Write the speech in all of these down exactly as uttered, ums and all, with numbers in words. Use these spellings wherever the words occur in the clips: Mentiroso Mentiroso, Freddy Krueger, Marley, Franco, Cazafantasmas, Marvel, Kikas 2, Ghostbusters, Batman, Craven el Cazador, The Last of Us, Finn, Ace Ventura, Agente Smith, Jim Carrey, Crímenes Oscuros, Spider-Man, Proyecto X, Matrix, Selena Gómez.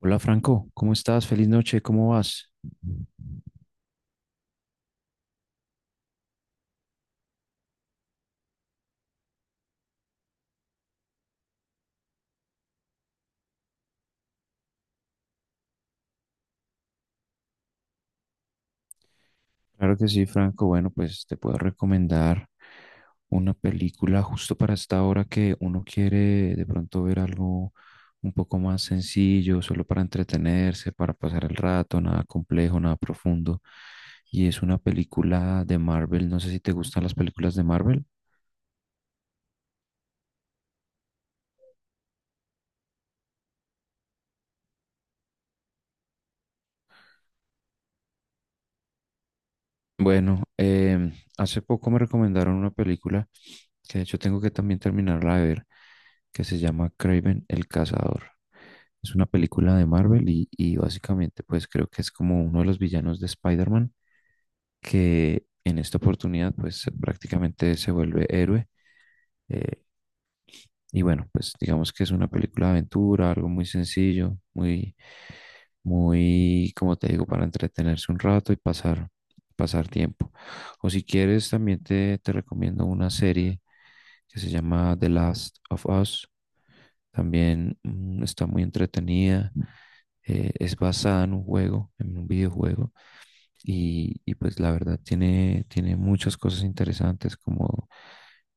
Hola Franco, ¿cómo estás? Feliz noche, ¿cómo vas? Claro que sí, Franco. Bueno, pues te puedo recomendar una película justo para esta hora que uno quiere de pronto ver algo un poco más sencillo, solo para entretenerse, para pasar el rato, nada complejo, nada profundo. Y es una película de Marvel. No sé si te gustan las películas de Marvel. Bueno, em, hace poco me recomendaron una película que de hecho tengo que también terminarla de ver, que se llama Craven el Cazador. Es una película de Marvel y, y básicamente pues creo que es como uno de los villanos de Spider-Man que en esta oportunidad pues prácticamente se vuelve héroe. eh, y bueno, pues digamos que es una película de aventura, algo muy sencillo, muy, muy, como te digo, para entretenerse un rato y pasar, pasar tiempo. O si quieres, también te, te recomiendo una serie que se llama The Last of Us. También mm, está muy entretenida. Eh, es basada en un juego, en un videojuego y, y pues la verdad tiene, tiene muchas cosas interesantes como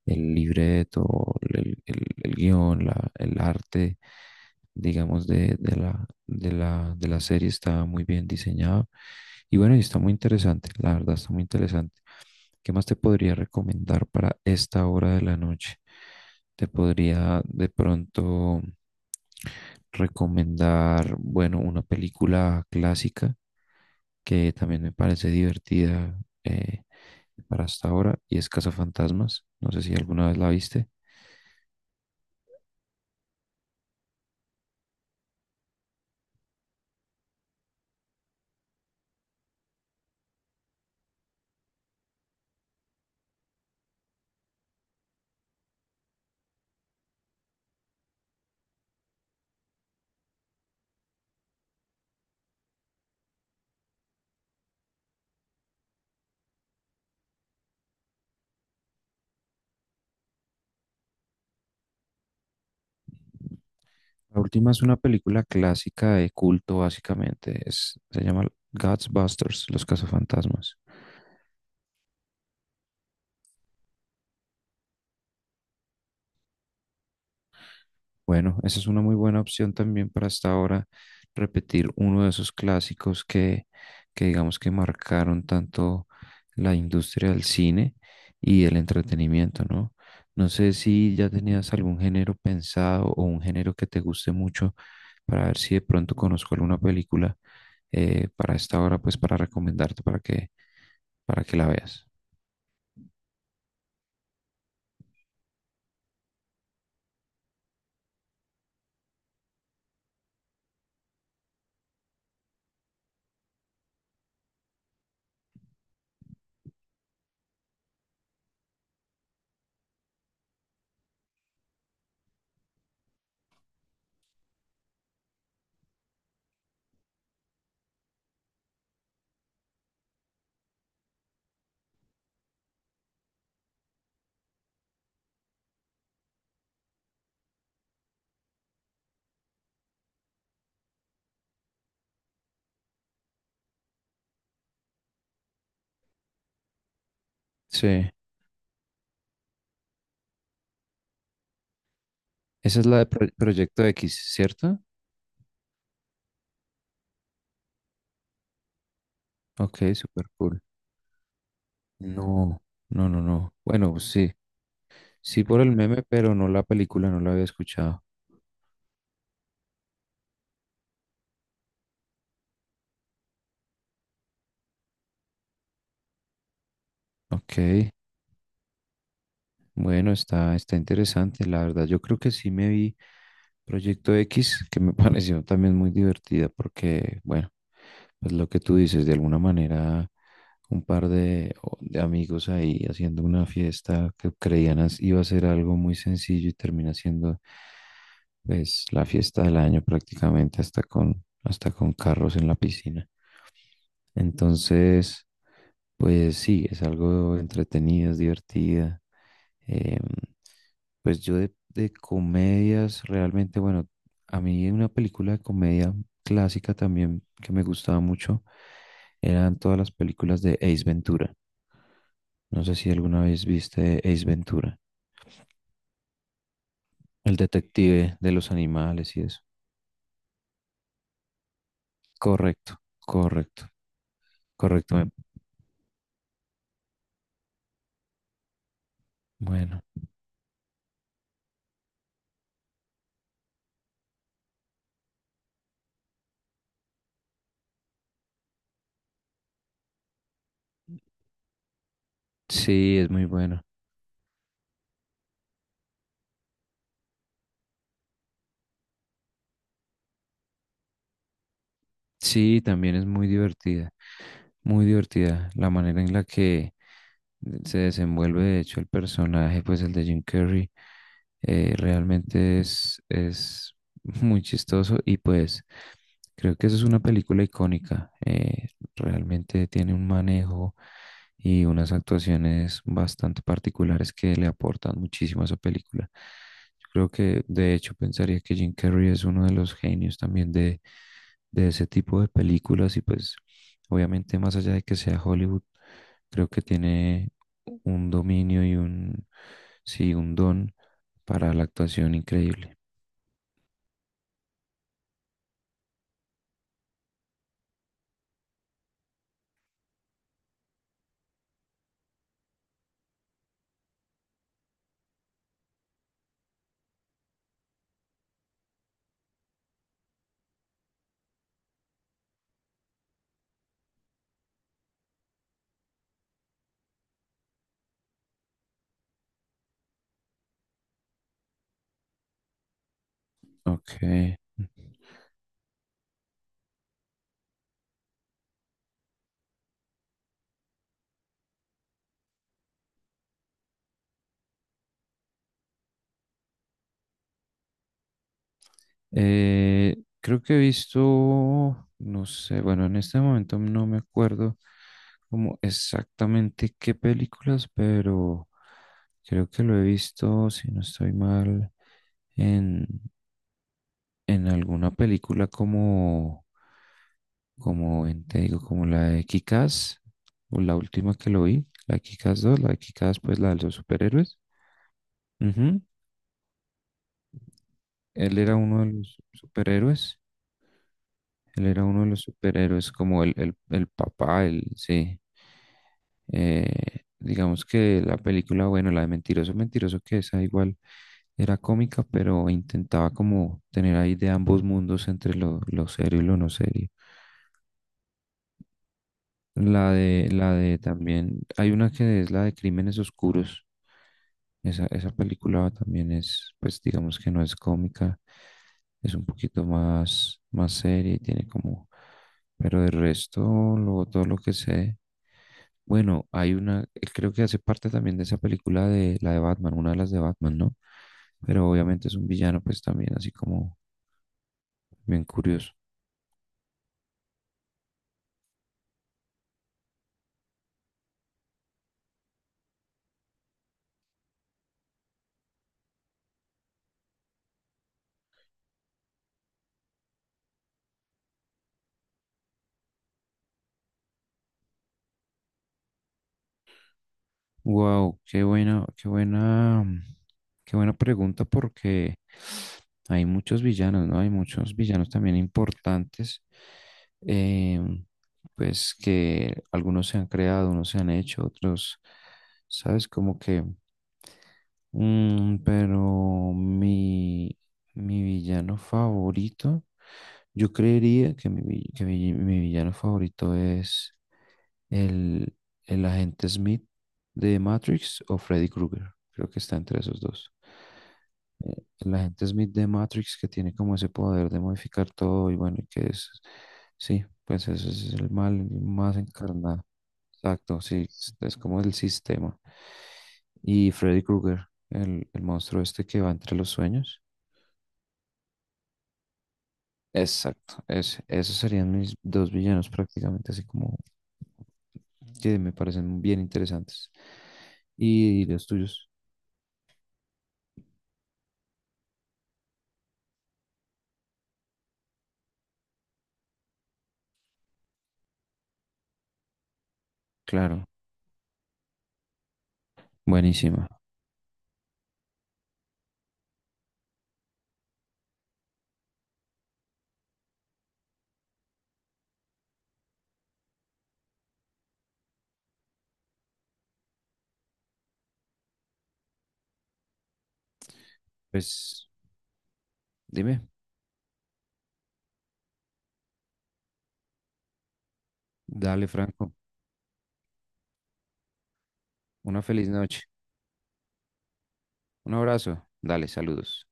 el libreto, el, el, el guión, la- el arte, digamos, de, de la, de la, de la serie, está muy bien diseñado. Y bueno, y está muy interesante, la verdad está muy interesante. ¿Qué más te podría recomendar para esta hora de la noche? Te podría de pronto recomendar, bueno, una película clásica que también me parece divertida eh, para hasta ahora, y es Cazafantasmas. No sé si alguna vez la viste. La última es una película clásica de culto, básicamente. Es, se llama Ghostbusters, Los Cazafantasmas. Bueno, esa es una muy buena opción también para hasta ahora repetir uno de esos clásicos que, que digamos que marcaron tanto la industria del cine y el entretenimiento, ¿no? No sé si ya tenías algún género pensado o un género que te guste mucho para ver si de pronto conozco alguna película eh, para esta hora, pues para recomendarte para que, para que la veas. Sí, esa es la de Pro- Proyecto X, ¿cierto? Ok, super cool. No, no, no, no. Bueno, pues sí, sí por el meme, pero no la película, no la había escuchado. Ok, bueno, está, está interesante, la verdad. Yo creo que sí me vi Proyecto X, que me pareció también muy divertida, porque, bueno, pues lo que tú dices, de alguna manera, un par de, o- de amigos ahí haciendo una fiesta que creían as- iba a ser algo muy sencillo y termina siendo, pues, la fiesta del año prácticamente, hasta con, hasta con carros en la piscina. Entonces, pues sí, es algo entretenido, es divertida. Em, pues yo de, de comedias, realmente, bueno, a mí una película de comedia clásica también que me gustaba mucho eran todas las películas de Ace Ventura. No sé si alguna vez viste Ace Ventura, el detective de los animales y eso. Correcto, correcto, correcto. me- Bueno, sí, es muy bueno. Sí, también es muy divertida, muy divertida la manera en la que se desenvuelve de hecho el personaje, pues el de Jim Carrey. Eh, realmente es, es muy chistoso y pues creo que eso es una película icónica. Eh, realmente tiene un manejo y unas actuaciones bastante particulares que le aportan muchísimo a esa película. Yo creo que de hecho pensaría que Jim Carrey es uno de los genios también de, de ese tipo de películas y pues obviamente más allá de que sea Hollywood, creo que tiene un dominio y un, sí, un don para la actuación increíble. Ok. Eh, creo que he visto, no sé, bueno, en este momento no me acuerdo como exactamente qué películas, pero creo que lo he visto, si no estoy mal, en, en alguna película como, como en- te digo, como la de Kikas, o la última que lo vi, la de Kikas dos, la de Kikas, pues la de los superhéroes. Ujú. Él era uno de los superhéroes. Él era uno de los superhéroes, como el, el, el papá, el, sí. Eh, digamos que la película, bueno, la de Mentiroso, Mentiroso, que esa igual era cómica, pero intentaba como tener ahí de ambos mundos entre lo, lo serio y lo no serio. La de, la de también, hay una que es la de Crímenes Oscuros. Esa, esa película también es, pues digamos que no es cómica, es un poquito más, más seria y tiene como, pero de resto, luego todo lo que sé, bueno, hay una, eh, creo que hace parte también de esa película de la de Batman, una de las de Batman, ¿no? Pero obviamente es un villano, pues también así como bien curioso. Wow, qué buena, qué buena, mm, qué buena pregunta porque hay muchos villanos, ¿no? Hay muchos villanos también importantes, eh, pues que algunos se han creado, unos se han hecho, otros, ¿sabes? Como que, mm, pero mi, mi villano favorito, yo creería que mi, vi- que mi mi villano favorito es el, el agente Smith de Matrix o Freddy Krueger. Creo que está entre esos dos. El agente Smith de Matrix que tiene como ese poder de modificar todo y bueno, y que es, sí, pues ese es el mal más encarnado. Exacto, sí, es es como el sistema. Y Freddy Krueger, el, el monstruo este que va entre los sueños. Exacto, es esos serían mis dos villanos prácticamente, así como que me parecen bien interesantes. ¿Y los tuyos? Claro, buenísima. Pues dime, dale, Franco, una feliz noche. Un abrazo. Dale, saludos.